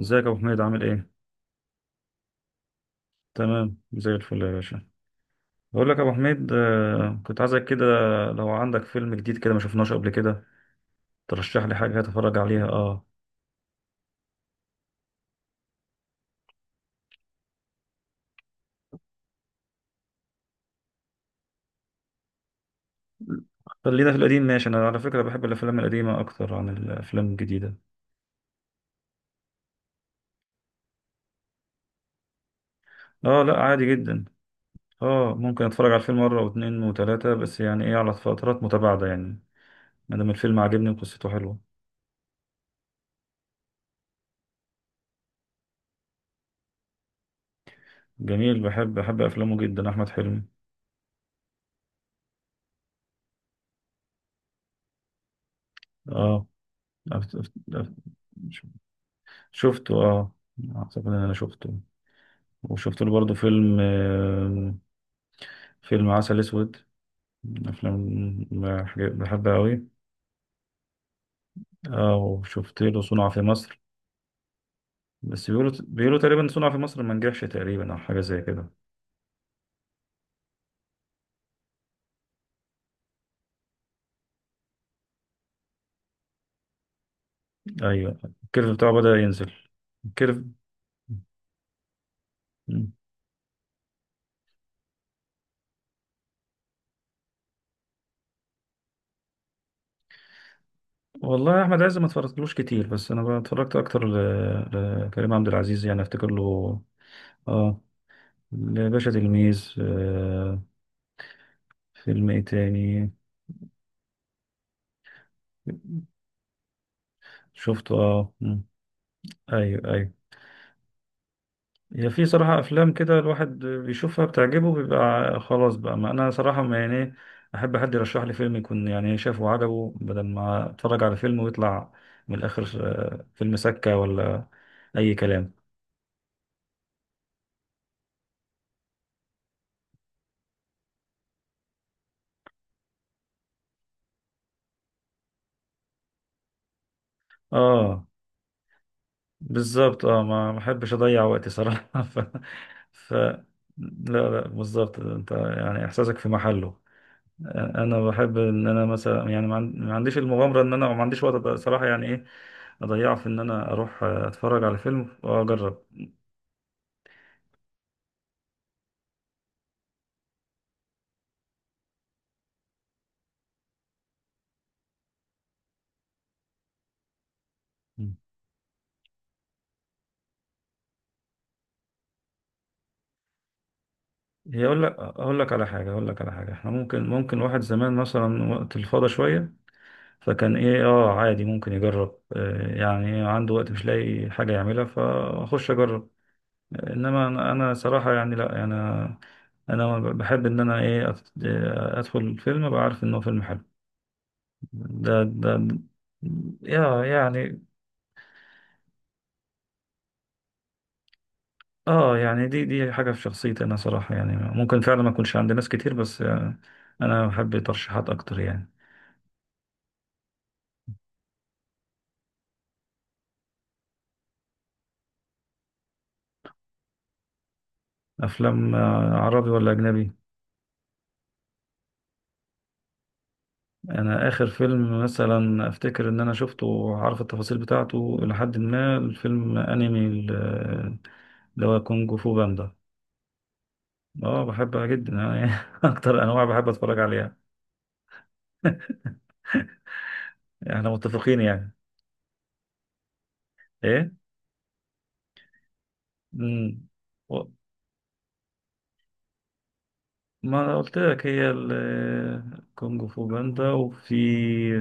ازيك يا ابو حميد؟ عامل ايه؟ تمام، زي الفل يا باشا. بقول لك يا ابو حميد، كنت عايزك كده. لو عندك فيلم جديد كده ما شفناش قبل كده، ترشح لي حاجه اتفرج عليها. اه. خلينا في القديم، ماشي؟ انا على فكره بحب الافلام القديمه اكتر عن الافلام الجديده. اه، لا عادي جدا. اه ممكن اتفرج على الفيلم مره واتنين وتلاته، بس يعني ايه، على فترات متباعده يعني. ما دام الفيلم عاجبني وقصته حلوه. جميل، بحب افلامه جدا احمد حلمي. اه. أفت- أفت- أفت- شفته، اه. اعتقد ان انا شفته. وشفت له برضه فيلم. فيلم عسل اسود. من افلام بحبها قوي. اه وشفت له صنع في مصر. بس بيقولوا تقريبا صنع في مصر ما نجحش، تقريبا، او حاجه زي كده. ايوه، الكيرف بتاعه بدأ ينزل. الكيرف. مم. والله يا احمد عز ما اتفرجتلوش كتير، بس انا اتفرجت اكتر لكريم عبد العزيز، يعني افتكر له. اه. باشا، تلميذ، فيلم ايه تاني؟ شفته، اه. مم. ايوه ايوه. هي في صراحة أفلام كده الواحد بيشوفها بتعجبه، بيبقى خلاص بقى. ما أنا صراحة، ما يعني إيه، أحب حد يرشح لي فيلم يكون يعني شافه وعجبه، بدل ما أتفرج على فيلم ويطلع من الآخر فيلم سكة ولا أي كلام. آه، بالظبط. آه، ما أحبش أضيع وقتي صراحة. لا لا، بالظبط، أنت يعني إحساسك في محله. أنا بحب إن أنا مثلا، يعني، ما عنديش المغامرة، إن أنا ما عنديش وقت صراحة، يعني إيه اضيعه في ان انا اروح اتفرج على فيلم واجرب. مم. هي اقول لك، اقول لك على حاجه: احنا ممكن واحد زمان مثلا وقت الفاضي شويه، فكان ايه، اه، عادي ممكن يجرب، يعني عنده وقت مش لاقي حاجه يعملها، فاخش اجرب. انما أنا صراحه يعني، لا، يعني انا، انا بحب ان انا ايه، ادخل الفيلم ابقى عارف ان هو فيلم حلو. ده. يا يعني، اه يعني دي حاجة في شخصيتي انا صراحة، يعني ممكن فعلا ما اكونش عند ناس كتير، بس انا بحب ترشيحات اكتر يعني. افلام عربي ولا اجنبي؟ انا اخر فيلم مثلا افتكر ان انا شفته وعارف التفاصيل بتاعته لحد ما، الفيلم انمي، اللي هو كونج فو باندا. اه، بحبها جدا أنا. يعني اكتر انواع بحب اتفرج عليها. احنا متفقين يعني؟ ايه؟ امم ما انا قلت لك، هي كونج فو باندا، وفي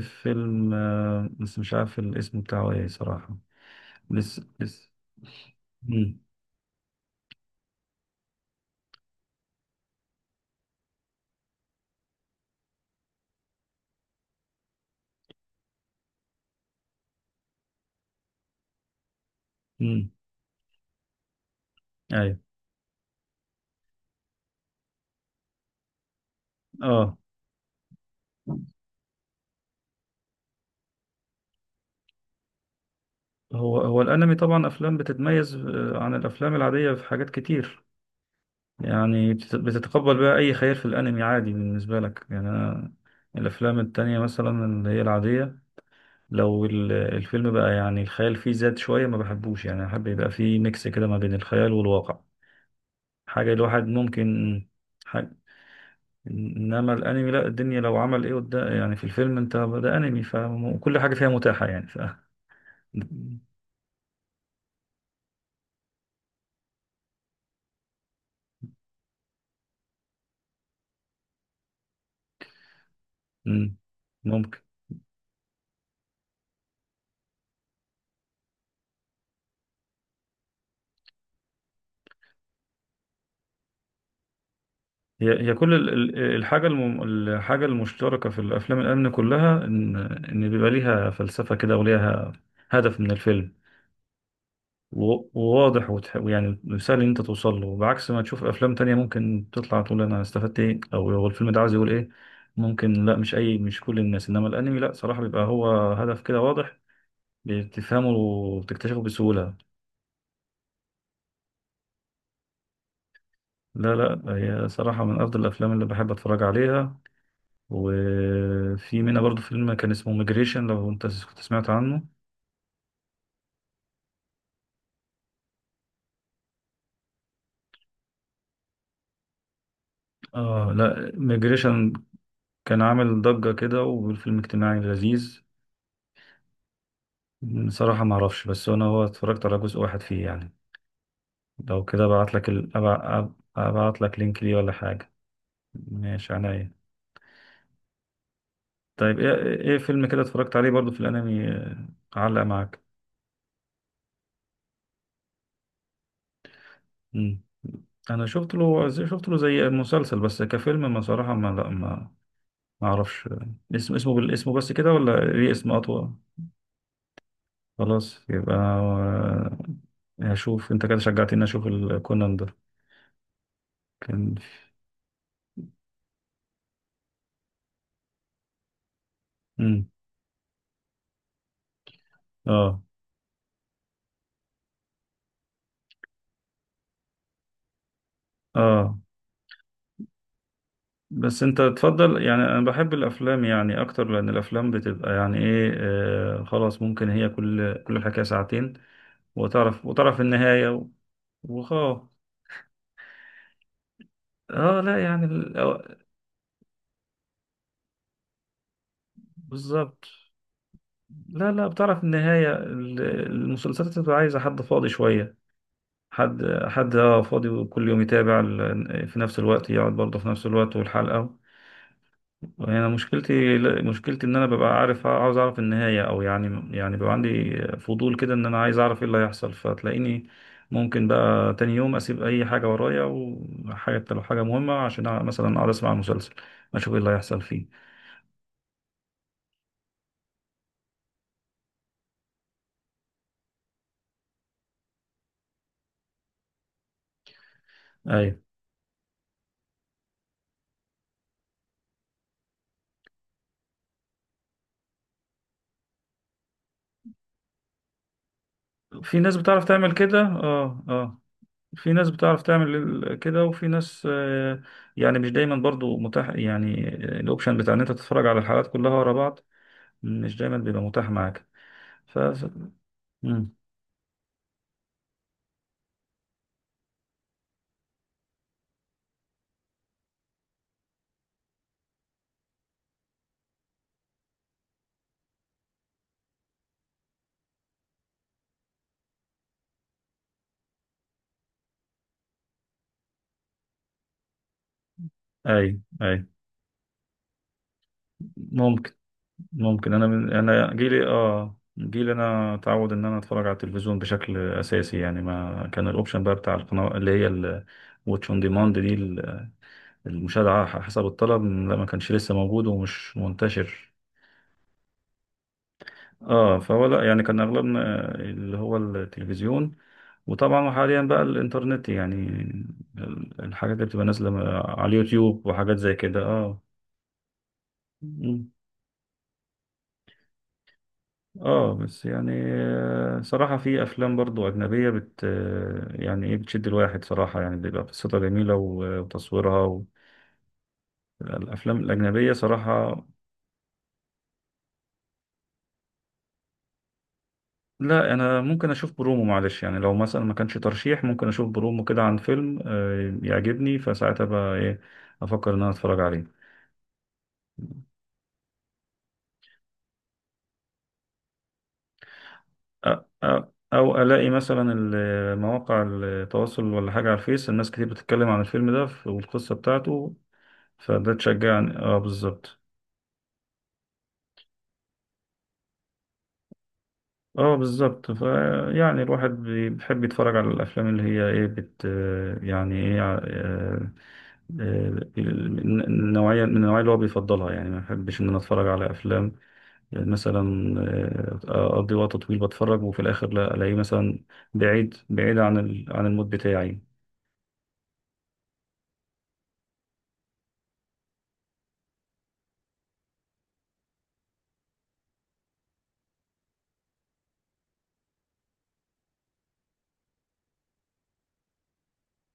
فيلم بس مش عارف الاسم بتاعه ايه صراحة. لسه لسه. مم. مم. ايوه، اه. هو الانمي طبعا افلام بتتميز عن الافلام العادية في حاجات كتير. يعني بتتقبل بقى اي خيال في الانمي، عادي بالنسبة لك يعني. أنا الافلام التانية مثلا اللي هي العادية، لو الفيلم بقى يعني الخيال فيه زاد شوية ما بحبوش، يعني احب يبقى فيه ميكس كده ما بين الخيال والواقع، حاجة الواحد ممكن، حاجة. إنما الأنمي لا، الدنيا لو عمل إيه قدام، يعني في الفيلم أنت، ده أنمي فكل حاجة فيها متاحة يعني. ف مم. ممكن. هي كل الحاجة الحاجة المشتركة في الأفلام الأمن كلها، إن إن بيبقى ليها فلسفة كده، وليها هدف من الفيلم، وواضح يعني سهل ان انت توصل له، بعكس ما تشوف افلام تانية ممكن تطلع تقول انا استفدت ايه، او هو الفيلم ده عايز يقول ايه. ممكن، لا، مش كل الناس. انما الانمي، لا، صراحة بيبقى هو هدف كده واضح، بتفهمه وبتكتشفه بسهولة. لا لا، هي صراحة من افضل الافلام اللي بحب اتفرج عليها. وفي منها برضو فيلم كان اسمه ميجريشن، لو انت كنت سمعت عنه. اه، لا، ميجريشن. كان عامل ضجة كده، والفيلم اجتماعي لذيذ. بصراحة ما اعرفش، بس انا هو اتفرجت على جزء واحد فيه يعني. لو كده ابعت لك ابعت لك لينك ليه ولا حاجة. ماشي، عينيا. طيب ايه، فيلم كده اتفرجت عليه برضو في الانمي، علق معاك؟ مم. انا شفت له شفت له زي مسلسل، بس كفيلم، ما صراحة، ما لا ما ما اعرفش. اسمه بالاسم بس كده، ولا ليه اسم اطول؟ خلاص يبقى هشوف. انت كده شجعتني اشوف الكونان ده. كان. مم. اه اه. بس انت تفضل يعني. انا بحب الافلام يعني اكتر، لان الافلام بتبقى يعني ايه، آه، خلاص ممكن هي كل الحكايه ساعتين، وتعرف النهايه وخلاص. اه لا، يعني أو- بالظبط. لا لا، بتعرف النهايه. المسلسلات بتبقى عايزه حد فاضي شويه، حد، حد اه فاضي، وكل يوم يتابع في نفس الوقت، يقعد برضه في نفس الوقت والحلقه. يعني انا مشكلتي، مشكلتي ان انا ببقى عارف، عاوز اعرف النهايه، او يعني، يعني بيبقى عندي فضول كده، ان انا عايز اعرف ايه اللي هيحصل، فتلاقيني ممكن بقى تاني يوم اسيب اي حاجه ورايا، وحاجه، لو حاجه مهمه، عشان مثلا اقعد اسمع المسلسل، اشوف ايه اللي هيحصل فيه. ايوه. في ناس بتعرف تعمل كده، اه اه. في ناس بتعرف تعمل كده، وفي ناس يعني مش دايما برضو متاح يعني، الاوبشن بتاع ان انت تتفرج على الحلقات كلها ورا بعض، مش دايما بيبقى متاح معاك. ف... اي اي. ممكن، انا جيلي، اه، جيلي انا اتعود ان انا اتفرج على التلفزيون بشكل اساسي، يعني ما كان الاوبشن بقى بتاع القناه اللي هي الواتش اون ديماند دي، المشاهده على حسب الطلب، لا ما كانش لسه موجود ومش منتشر. اه، فهو لا يعني كان اغلبنا اللي هو التلفزيون. وطبعا حاليا بقى الانترنت يعني، الحاجات اللي بتبقى نازله على اليوتيوب وحاجات زي كده. اه اه، بس يعني صراحة في أفلام برضو أجنبية بت آه، يعني إيه، بتشد الواحد صراحة، يعني بيبقى قصتها جميلة، وتصويرها الأفلام الأجنبية صراحة. لا، أنا ممكن أشوف برومو، معلش يعني، لو مثلا ما كانش ترشيح، ممكن أشوف برومو كده عن فيلم، يعجبني، فساعتها بقى إيه، أفكر إن أنا أتفرج عليه. أ- أ- أو ألاقي مثلا مواقع التواصل ولا حاجة على الفيس، الناس كتير بتتكلم عن الفيلم ده والقصة بتاعته، فده تشجعني، اه بالظبط. اه بالظبط. ف يعني الواحد بيحب يتفرج على الافلام اللي هي ايه، يعني ايه النوعيه، من النوعيه اللي هو بيفضلها، يعني ما بحبش ان انا اتفرج على افلام يعني مثلا اقضي وقت طويل بتفرج، وفي الاخر لا الاقيه مثلا بعيد بعيد عن عن المود بتاعي.